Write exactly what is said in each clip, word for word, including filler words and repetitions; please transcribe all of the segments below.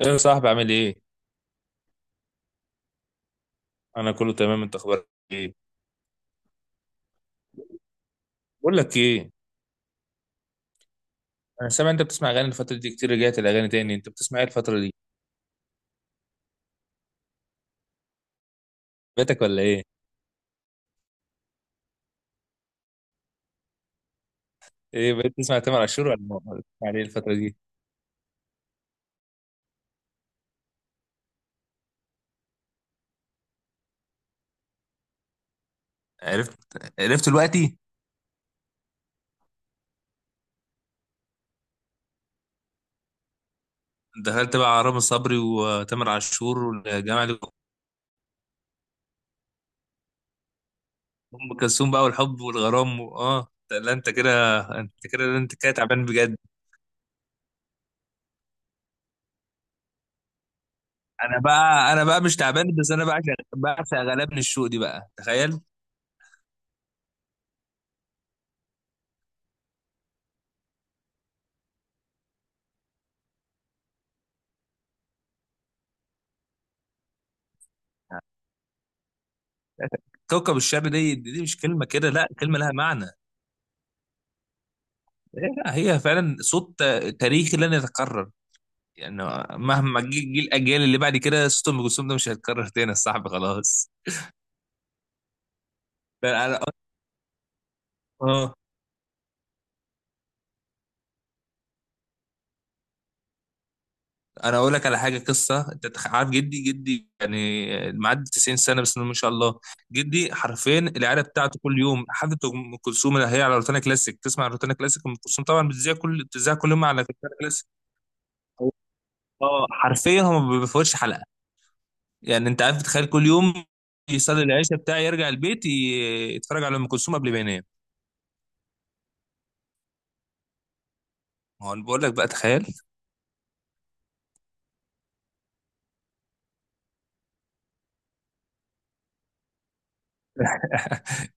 ايه يا صاحبي عامل ايه؟ انا كله تمام، انت اخبارك ايه؟ بقول لك ايه؟ انا سامع انت بتسمع اغاني الفترة دي كتير، رجعت الاغاني تاني، انت بتسمع ايه الفترة دي؟ بيتك ولا ايه؟ ايه، بقيت تسمع تامر عاشور ولا ما- ولا بتسمع ايه الفترة دي؟ عرفت، عرفت دلوقتي. دخلت بقى على رامي صبري وتامر عاشور والجماعة دي. ام كلثوم بقى والحب والغرام و... اه لا، انت كده، انت كده انت كده تعبان بجد. انا بقى انا بقى مش تعبان، بس انا بعشق، بعشق غلابن الشوق دي بقى، تخيل. كوكب الشر دي، دي مش كلمة كده، لا كلمة لها معنى. لا، هي فعلا صوت تاريخي لن يتكرر، يعني مهما جه، جه الاجيال اللي بعد كده صوت ام كلثوم ده مش هيتكرر تاني يا صاحبي، خلاص. ده انا اه انا اقول لك على حاجه، قصه انت تخ- عارف جدي، جدي يعني معدي تسعين سنه بس ما شاء الله. جدي حرفيا العيله بتاعته كل يوم حفله ام كلثوم، اللي هي على روتانا كلاسيك، تسمع روتانا كلاسيك. ام كلثوم طبعا بتذيع كل بتذيع كل يوم على روتانا كلاسيك. اه، حرفيا هم ما بيفوتش حلقه. يعني انت عارف، تخيل، كل يوم يصلي العشاء بتاعي يرجع البيت ي- يتفرج على ام كلثوم قبل ما ينام. ما هو انا بقول لك بقى، تخيل.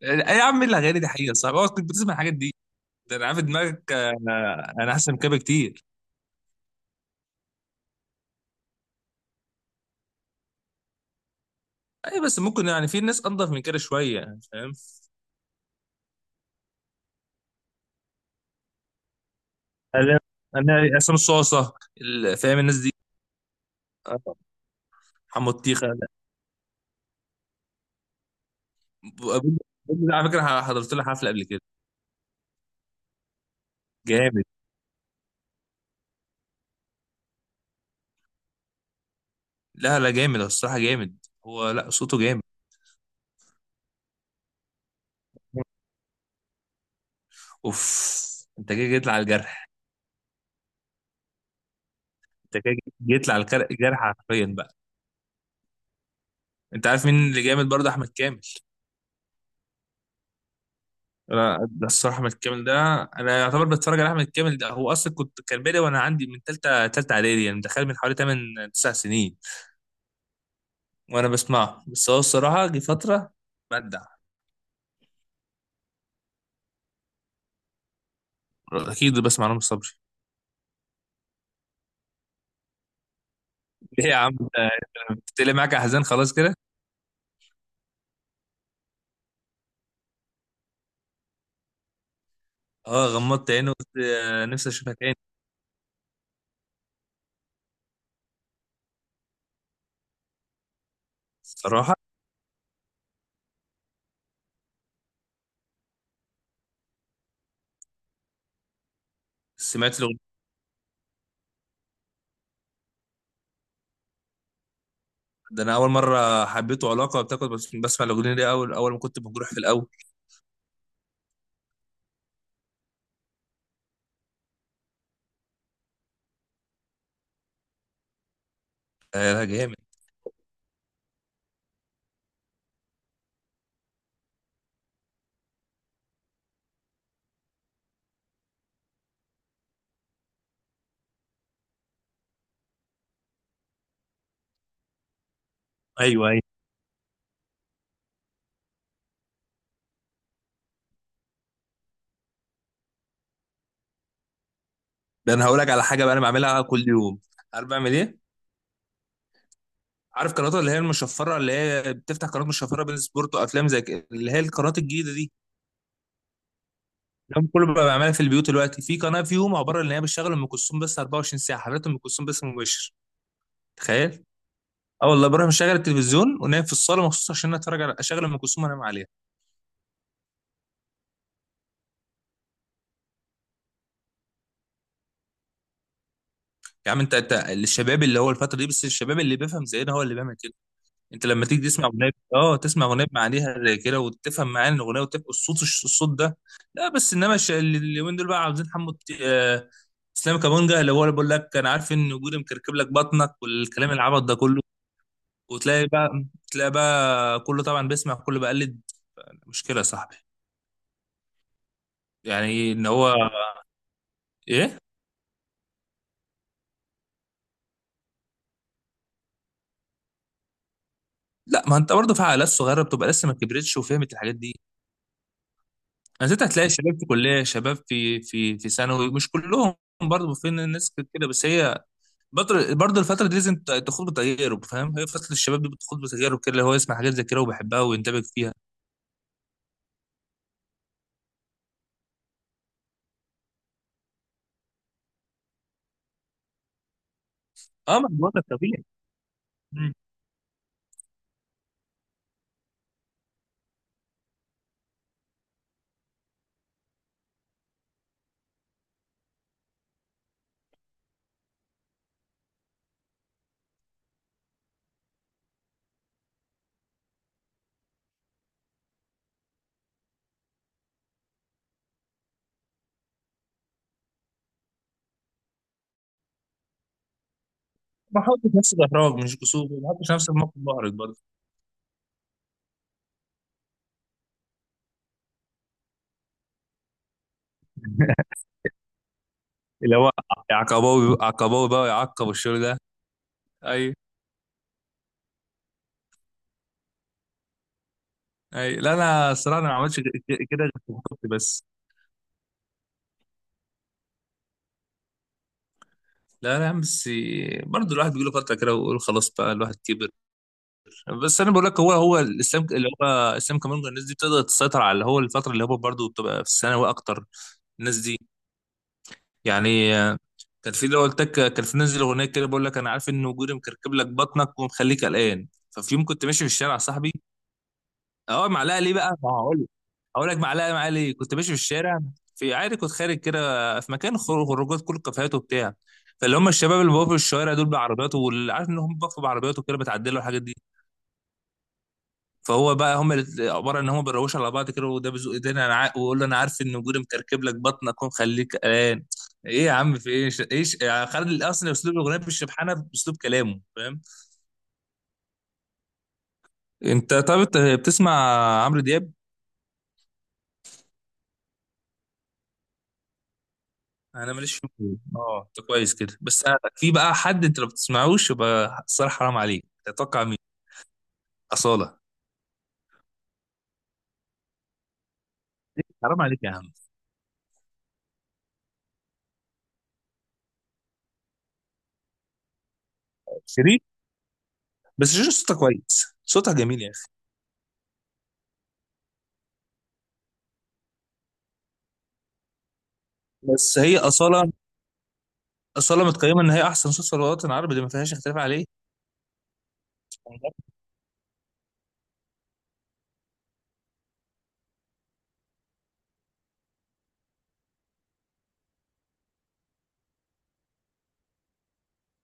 ايه يا عم الاغاني دي حقيقه صعبه. اه، كنت بتسمع الحاجات دي؟ ده انا عارف دماغك. آه، انا احسن من كده بكتير. اي بس ممكن يعني في ناس انضف من كده شويه، يعني فاهم. انا انا عصام صاصه ال- فاهم الناس دي. اه، حمو تيخه لا. ابو- ابو ده على فكره حضرت له حفله قبل كده، جامد. لا لا، جامد، هو الصراحه جامد. هو لا، صوته جامد. اوف، انت جاي، جيت لي على الجرح. انت كده جيت لي على الجر- الجرح حرفيا بقى. انت عارف مين اللي جامد برضه؟ احمد كامل. انا ده الصراحه احمد كامل ده انا يعتبر بتفرج على احمد كامل ده، هو اصلا كنت كان بادئ وانا عندي من ثالثه ثالثه اعدادي، يعني دخل من حوالي ثمانية تسعة سنين وانا بسمعه، بس هو الصراحه جه فتره بدع. اكيد بسمع نور صبري. ليه يا عم انت، انت طلع معاك احزان خلاص كده. اه، غمضت عيني وقلت آه، نفسي اشوفها تاني. الصراحه سمعت الاغنيه. ده انا اول مره حبيته علاقه بتاخد بس بسمع الاغنيه دي اول، اول ما كنت مجروح في الاول. آه لا، جامد. ايوه ايوه. ده انا هقول لك على حاجه بقى انا بعملها كل يوم. عارف بعمل ايه؟ عارف قنوات اللي هي المشفره، اللي هي بتفتح قناه مشفره بين سبورت وافلام زي كده، اللي هي القنوات الجديده دي؟ ده كله بقى بعملها في البيوت دلوقتي. في قناه فيهم عباره ان هي بتشغل ام كلثوم بس اربعة وعشرين ساعه، حضرتك، ام كلثوم بس مباشر. تخيل. اه والله، بروح مشغل التلفزيون ونايم في الصاله مخصوص عشان اتفرج على، اشغل ام كلثوم وانام عليها. يا عم انت، انت الشباب اللي هو الفتره دي بس الشباب اللي بيفهم زينا هو اللي بيعمل كده. انت لما تيجي تسمع اغنيه، اه، تسمع اغنيه معانيها زي كده وتفهم معاني الاغنيه وتبقى الصوت، الصوت ده. لا بس انما الش- اللي- اليومين دول بقى عاوزين حمو الت- آه، اسلام كابونجا اللي هو اللي بيقول لك انا عارف ان وجودي مكركب لك بطنك، والكلام العبط ده كله. وتلاقي بقى، تلاقي بقى كله طبعا بيسمع، كله بقلد. مشكله يا صاحبي، يعني ان هو، ايه. لا، ما انت برضه في عائلات صغيره بتبقى لسه ما كبرتش وفهمت الحاجات دي. انا ست، هتلاقي شباب في كليه، شباب في في في ثانوي، مش كلهم برضه، في ناس كده، بس هي برضه برضه الفتره دي لازم ت- تخوض بتجارب، فاهم، هي فتره الشباب دي بتخوض بتجارب كده، اللي هو يسمع حاجات زي كده وبيحبها ويندمج فيها. اه، ما أنا بقول لك طبيعي. مم. ما حطش نفس الاحراج، مش قصور، ما حطش نفس الموقف محرج برضه. اللي هو عقباوي، عقباوي بقى يعقب والشغل ده. اي، اي، لا انا الصراحه، أنا ما عملتش ك- ك- كده غير في الخط بس. لا لا يا عم، بس برضه الواحد بيجي له فتره كده ويقول خلاص بقى، الواحد كبر. بس انا بقول لك، هو هو الاسلام اللي هو، اسلام كامونجا، الناس دي بتقدر تسيطر على اللي هو الفتره اللي هو برضه بتبقى في الثانوي اكتر الناس دي. يعني آه، كان في اللي هو قلت لك، كان في نازل اغنيه كده بقول لك انا عارف ان وجودي مكركب لك بطنك ومخليك قلقان، ففي يوم كنت ماشي في الشارع يا صاحبي. اه، معلقه ليه بقى، ما هقول لك. هقول لك معلقه معايا ليه. كنت ماشي في الشارع في، عادي، كنت خارج كده في مكان خروج- خروجات، كل الكافيهات وبتاع. فاللي هم الشباب اللي بقوا في الشوارع دول بعربيات، واللي عارف ان هم بقوا بعربيات وكده بتعدلوا الحاجات دي. فهو بقى هم الات- عباره ان هم بيروشوا على بعض كده، وده بيزق ايدينا انا عا- ويقول له انا عارف ان وجودي مكركب لك بطنك ومخليك قلقان. ايه يا عم، في ايه، ش- ايش يعني، خالد اصلا اسلوب الاغنيه بالشبحانه باسلوب كلامه، فاهم. انت طب انت بتسمع عمرو دياب؟ انا ماليش فيه. اه، انت كويس كده. بس في بقى حد انت لو بتسمعوش يبقى الصراحه حرام عليك، تتوقع مين؟ اصاله. حرام عليك يا عم. شيرين، بس شيرين صوتها كويس، صوتها جميل يا اخي. بس هي اصاله، اصاله متقيمه ان هي احسن صوت في الوطن العربي دي، ما فيهاش اختلاف عليه.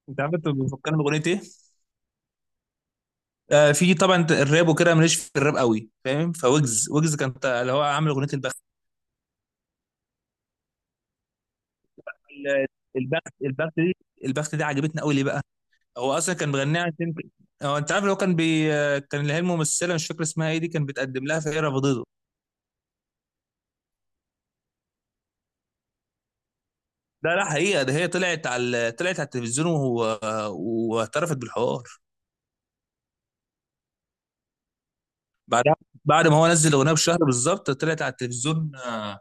انت عارف انت بتفكرني باغنيه ايه؟ آه، في طبعا، انت الراب وكده ماليش في الراب قوي، فاهم، فويجز، ويجز كان تا- اللي هو عامل اغنيه البخت. ال- البخت البخت دي، البخت دي عجبتني قوي ليه بقى؟ هو اصلا كان مغنيها عشان، هو انت عارف اللي هو كان بي آه، كان اللي هي الممثله، مش فاكر اسمها ايه دي، كان بيتقدم لها فهي رفضته. لا لا، حقيقه، ده هي طلعت على ال- طلعت على التلفزيون وهو- واعترفت بالحوار بعدها. بعد ما هو نزل الاغنيه بشهر بالظبط طلعت على التلفزيون. آه،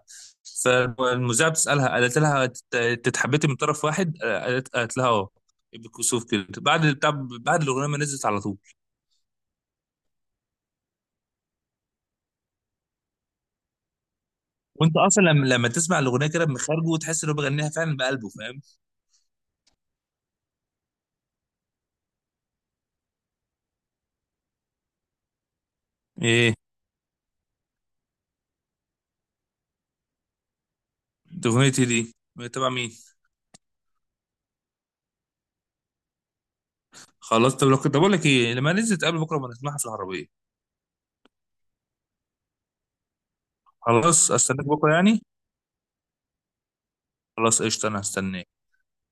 فالمذيعه بتسالها قالت لها: "تت- تتحبتي من طرف واحد؟" آه، قالت، قالت لها اه، بالكسوف كده، بعد بتاع، بعد الاغنيه ما نزلت على طول. وانت اصلا لما، لما تسمع الاغنيه كده بمخارجه وتحس ان هو بيغنيها فعلا بقلبه، فاهم. ايه دي اغنيتي، دي تبع مين؟ خلاص طب، لو كنت بقول لك ايه، لما نزلت قبل بكره، ما نسمعها في العربيه. خلاص، استناك بكره يعني. خلاص قشطه، انا هستناك.